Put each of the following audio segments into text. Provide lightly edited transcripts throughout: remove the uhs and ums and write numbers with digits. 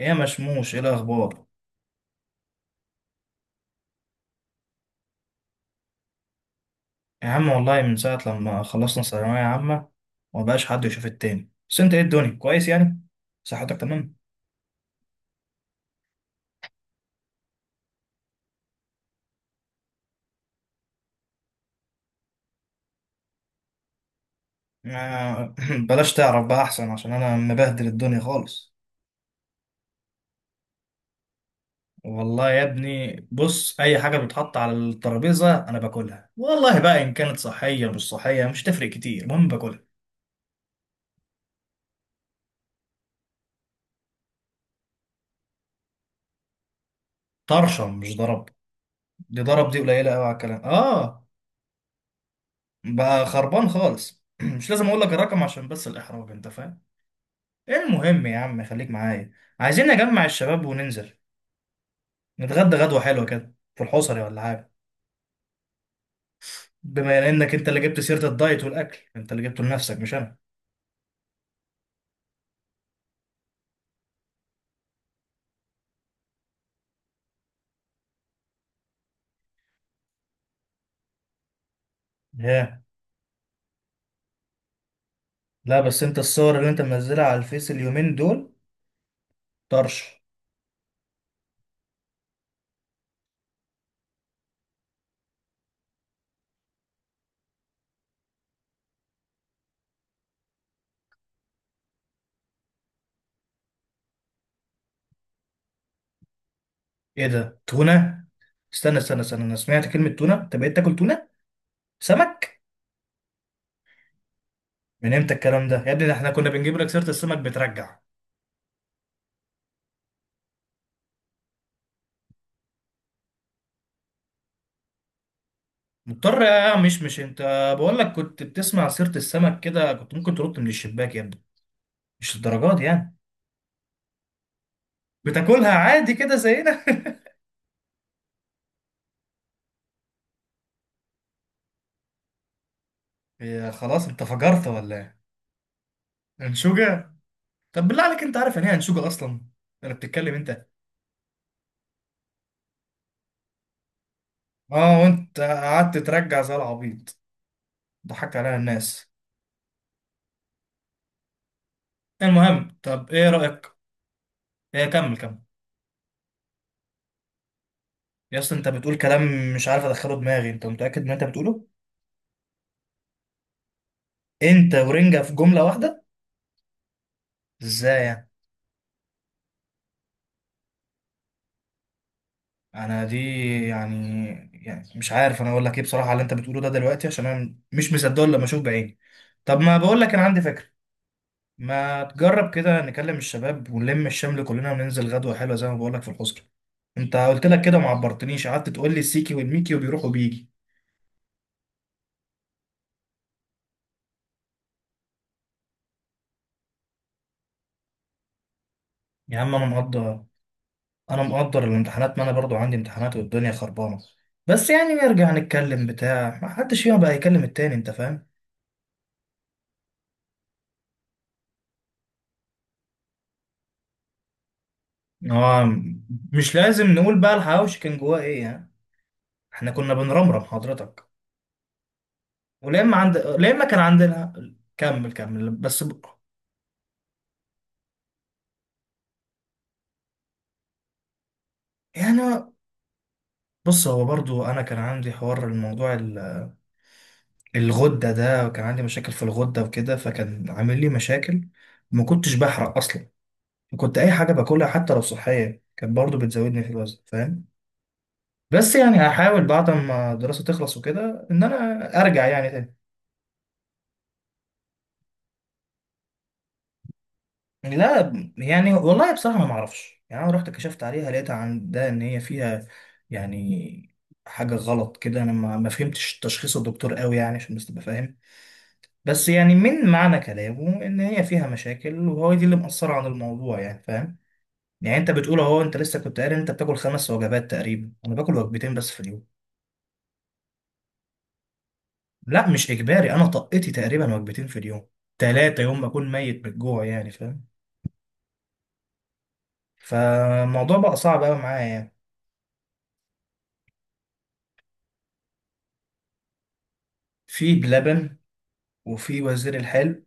ايه يا مشموش، ايه الاخبار؟ يا عم، والله من ساعه لما خلصنا ثانويه عامه ومبقاش حد يشوف التاني. بس انت ايه؟ الدنيا كويس يعني؟ صحتك تمام؟ آه، بلاش تعرف بقى احسن، عشان انا مبهدل الدنيا خالص. والله يا ابني، بص، اي حاجه بتتحط على الترابيزه انا باكلها، والله بقى ان كانت صحيه مش صحيه مش تفرق كتير، المهم باكلها. طرشه، مش ضرب. دي ضرب؟ دي قليله قوي على الكلام، اه. بقى خربان خالص مش لازم اقول لك الرقم، عشان بس الاحراج، انت فاهم. المهم يا عم، خليك معايا. عايزين نجمع الشباب وننزل نتغدى غدوة حلوة كده في الحصري ولا حاجة. بما انك انت اللي جبت سيرة الدايت والاكل، انت اللي جبته لنفسك مش انا. ياه! لا بس انت الصور اللي انت منزلها على الفيس اليومين دول. طرش. ايه ده، تونة؟ استنى استنى استنى، انا سمعت كلمة تونة، انت بقيت تاكل تونة؟ سمك؟ من امتى الكلام ده يا ابني؟ ده احنا كنا بنجيب لك سيرة السمك بترجع. مضطر يا، مش انت. بقول لك كنت بتسمع سيرة السمك كده، كنت ممكن ترد من الشباك يا ابني، مش الدرجات يعني. بتاكلها عادي كده زينا؟ هي خلاص انت فجرت ولا ايه؟ انشوجة؟ طب بالله عليك، انت عارف يعني ايه انشوجة اصلا؟ انا بتتكلم انت. اه، وانت قعدت ترجع زي العبيط، ضحكت عليها الناس. المهم، طب ايه رأيك؟ ايه، كمل كمل. يا اسطى انت بتقول كلام مش عارف ادخله دماغي، انت متأكد من اللي انت بتقوله؟ انت ورنجة في جملة واحدة؟ ازاي يعني؟ انا دي، يعني، يعني مش عارف انا اقول لك ايه بصراحة على اللي انت بتقوله ده دلوقتي، عشان انا مش مصدقه الا لما اشوف بعيني. طب ما بقول لك، انا عندي فكرة. ما تجرب كده نكلم الشباب ونلم الشمل كلنا وننزل غدوة حلوة زي ما بقولك في الحسكة. انت قلت لك كده ما عبرتنيش، قعدت تقول لي السيكي والميكي وبيروح وبيجي. يا عم انا مقدر، انا مقدر الامتحانات، ما انا برضو عندي امتحانات والدنيا خربانة. بس يعني نرجع نتكلم بتاع، ما حدش فينا بقى يكلم التاني، انت فاهم. اه، مش لازم نقول بقى الحواوشي كان جواه ايه يعني. احنا كنا بنرمرم حضرتك. ولما عند لما كان عندنا، كمل كمل، بس يعني بص، هو برضو انا كان عندي حوار، الموضوع الغدة ده، وكان عندي مشاكل في الغدة وكده، فكان عامل لي مشاكل. ما كنتش بحرق اصلا، كنت اي حاجة باكلها حتى لو صحية كانت برضو بتزودني في الوزن، فاهم. بس يعني هحاول بعد ما الدراسة تخلص وكده ان انا ارجع يعني تاني. لا يعني، والله بصراحة ما معرفش، يعني انا رحت كشفت عليها، لقيتها عندها ان هي فيها يعني حاجة غلط كده، انا ما فهمتش تشخيص الدكتور قوي، يعني عشان بس تبقى فاهم. بس يعني من معنى كلامه ان هي فيها مشاكل، وهو دي اللي مأثرة عن الموضوع يعني، فاهم. يعني انت بتقول اهو، انت لسه كنت قاري إن انت بتاكل 5 وجبات تقريبا، انا باكل وجبتين بس في اليوم. لا مش اجباري، انا طقتي تقريبا وجبتين في اليوم، تلاتة يوم ما اكون ميت بالجوع يعني، فاهم. فالموضوع بقى صعب قوي معايا يعني. في بلبن، وفي وزير الحلو،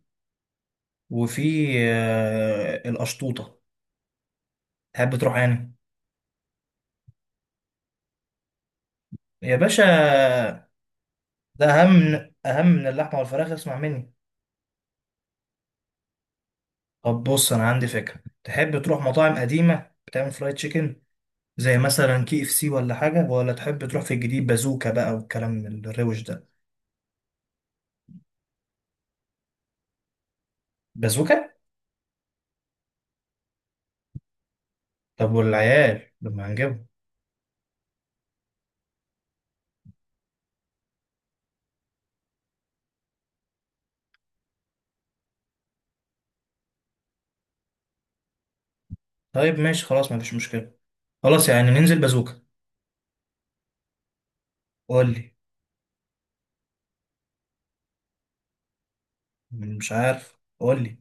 وفي القشطوطة. تحب تروح يعني؟ يا باشا، ده اهم اهم من اللحمة والفراخ، اسمع مني. طب بص، انا عندي فكره، تحب تروح مطاعم قديمه بتعمل فرايد تشيكن زي مثلا KFC ولا حاجه، ولا تحب تروح في الجديد بازوكا بقى والكلام الروش ده؟ بازوكا. طب والعيال لما هنجيبهم؟ طيب ماشي، خلاص مفيش مشكله، خلاص يعني ننزل بازوكا. قول لي. مش عارف، قول لي.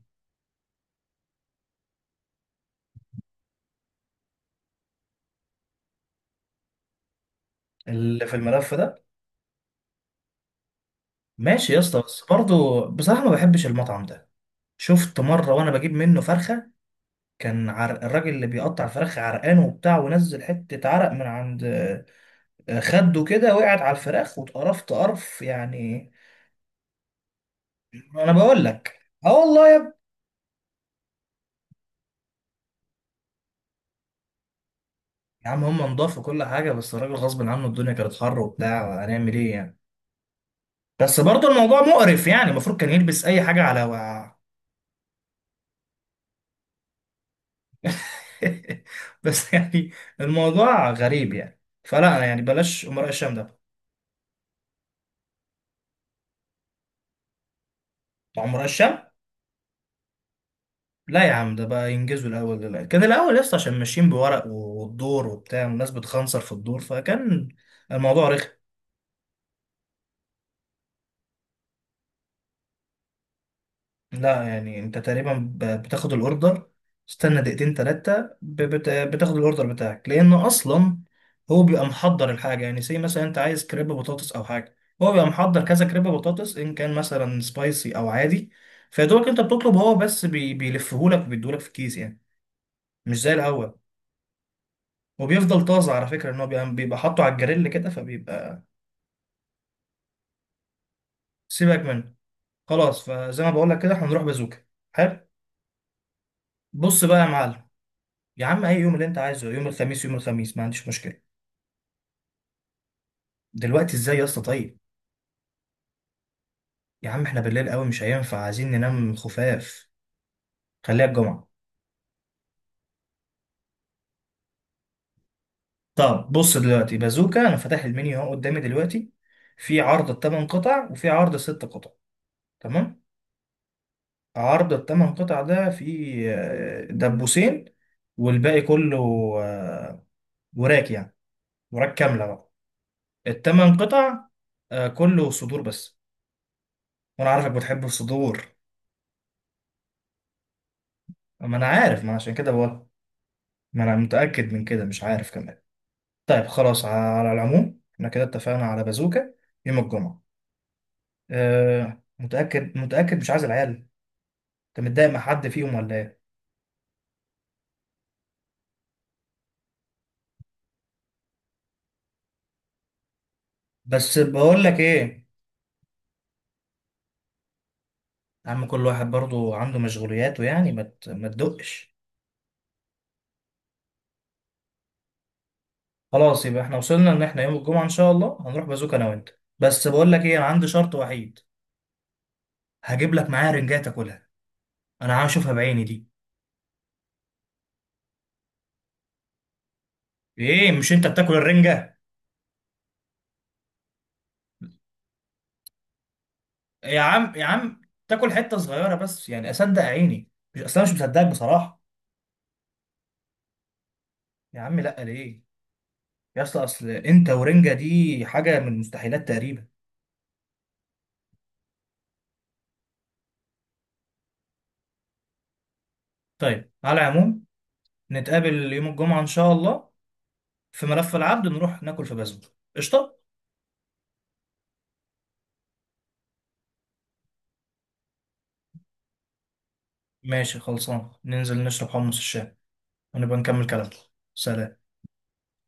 اللي في الملف ده؟ ماشي يا اسطى، بس برضه بصراحه ما بحبش المطعم ده. شفت مره وانا بجيب منه فرخه، كان عرق الراجل اللي بيقطع الفراخ عرقان وبتاع، ونزل حته عرق من عند خده كده، وقعت على الفراخ واتقرفت قرف يعني. انا بقول لك. اه والله يا ابني. يا عم هم نضاف وكل حاجه، بس الراجل غصب عنه، الدنيا كانت حر وبتاع، هنعمل ايه يعني. بس برضه الموضوع مقرف يعني، المفروض كان يلبس اي حاجه على بس يعني الموضوع غريب يعني، فلا يعني بلاش امراء الشام ده. بتاع امراء الشام. لا يا عم، ده بقى ينجزوا الاول دلوقتي، كان الاول لسه عشان ماشيين بورق والدور وبتاع، والناس بتخنصر في الدور، فكان الموضوع رخم. لا يعني، انت تقريبا بتاخد الاوردر، استنى دقيقتين تلاتة بتاخد الاوردر بتاعك، لانه اصلا هو بيبقى محضر الحاجة، يعني زي مثلا انت عايز كريب بطاطس او حاجة، هو بيبقى محضر كذا كريب بطاطس ان كان مثلا سبايسي او عادي، فيدوبك انت بتطلب، هو بس بيلفهولك وبيديهولك في الكيس يعني، مش زي الاول. وبيفضل طازة على فكرة، ان هو بيبقى حاطه على الجريل كده فبيبقى. سيبك منه، خلاص، فزي ما بقول لك كده احنا هنروح بازوكا. حلو. بص بقى يا معلم، يا عم اي يوم اللي انت عايزه، يوم الخميس، يوم الخميس ما عنديش مشكله. دلوقتي ازاي يا اسطى؟ طيب، يا عم احنا بالليل قوي مش هينفع، عايزين ننام خفاف، خليها الجمعه. طب بص دلوقتي بازوكا، انا فاتح المنيو اهو قدامي دلوقتي، في عرض الـ8 قطع وفي عرض الـ6 قطع. تمام. عرض الثمان قطع ده فيه دبوسين، والباقي كله، آه، وراك يعني، وراك كامله بقى الـ8 قطع. آه، كله صدور بس، وانا عارفك بتحب الصدور. ما انا عارف، ما عشان كده بقول. ما انا متأكد من كده، مش عارف كمان. طيب خلاص، على العموم احنا كده اتفقنا على بازوكا يوم الجمعة. أه، متأكد؟ متأكد مش عايز العيال؟ انت متضايق مع حد فيهم ولا ايه؟ بس بقول لك ايه، يا عم كل واحد برضو عنده مشغولياته يعني، ما تدقش. خلاص يبقى احنا وصلنا ان احنا يوم الجمعة ان شاء الله هنروح بازوكا انا وانت، بس بقول لك ايه، انا عندي شرط وحيد. هجيب لك معايا رنجات تاكلها، انا عايز اشوفها بعيني دي. ايه، مش انت بتاكل الرنجة؟ يا عم يا عم، تاكل حته صغيره بس يعني اصدق عيني، مش اصلا مش مصدقك بصراحه. يا عم لا، ليه؟ يا اسطى، اصل انت ورنجه دي حاجه من المستحيلات تقريبا. طيب على العموم نتقابل يوم الجمعه ان شاء الله، في ملف العبد نروح ناكل في بازل. قشطه. ماشي خلصان ننزل نشرب حمص الشام، ونبقى نكمل كلامنا. سلام.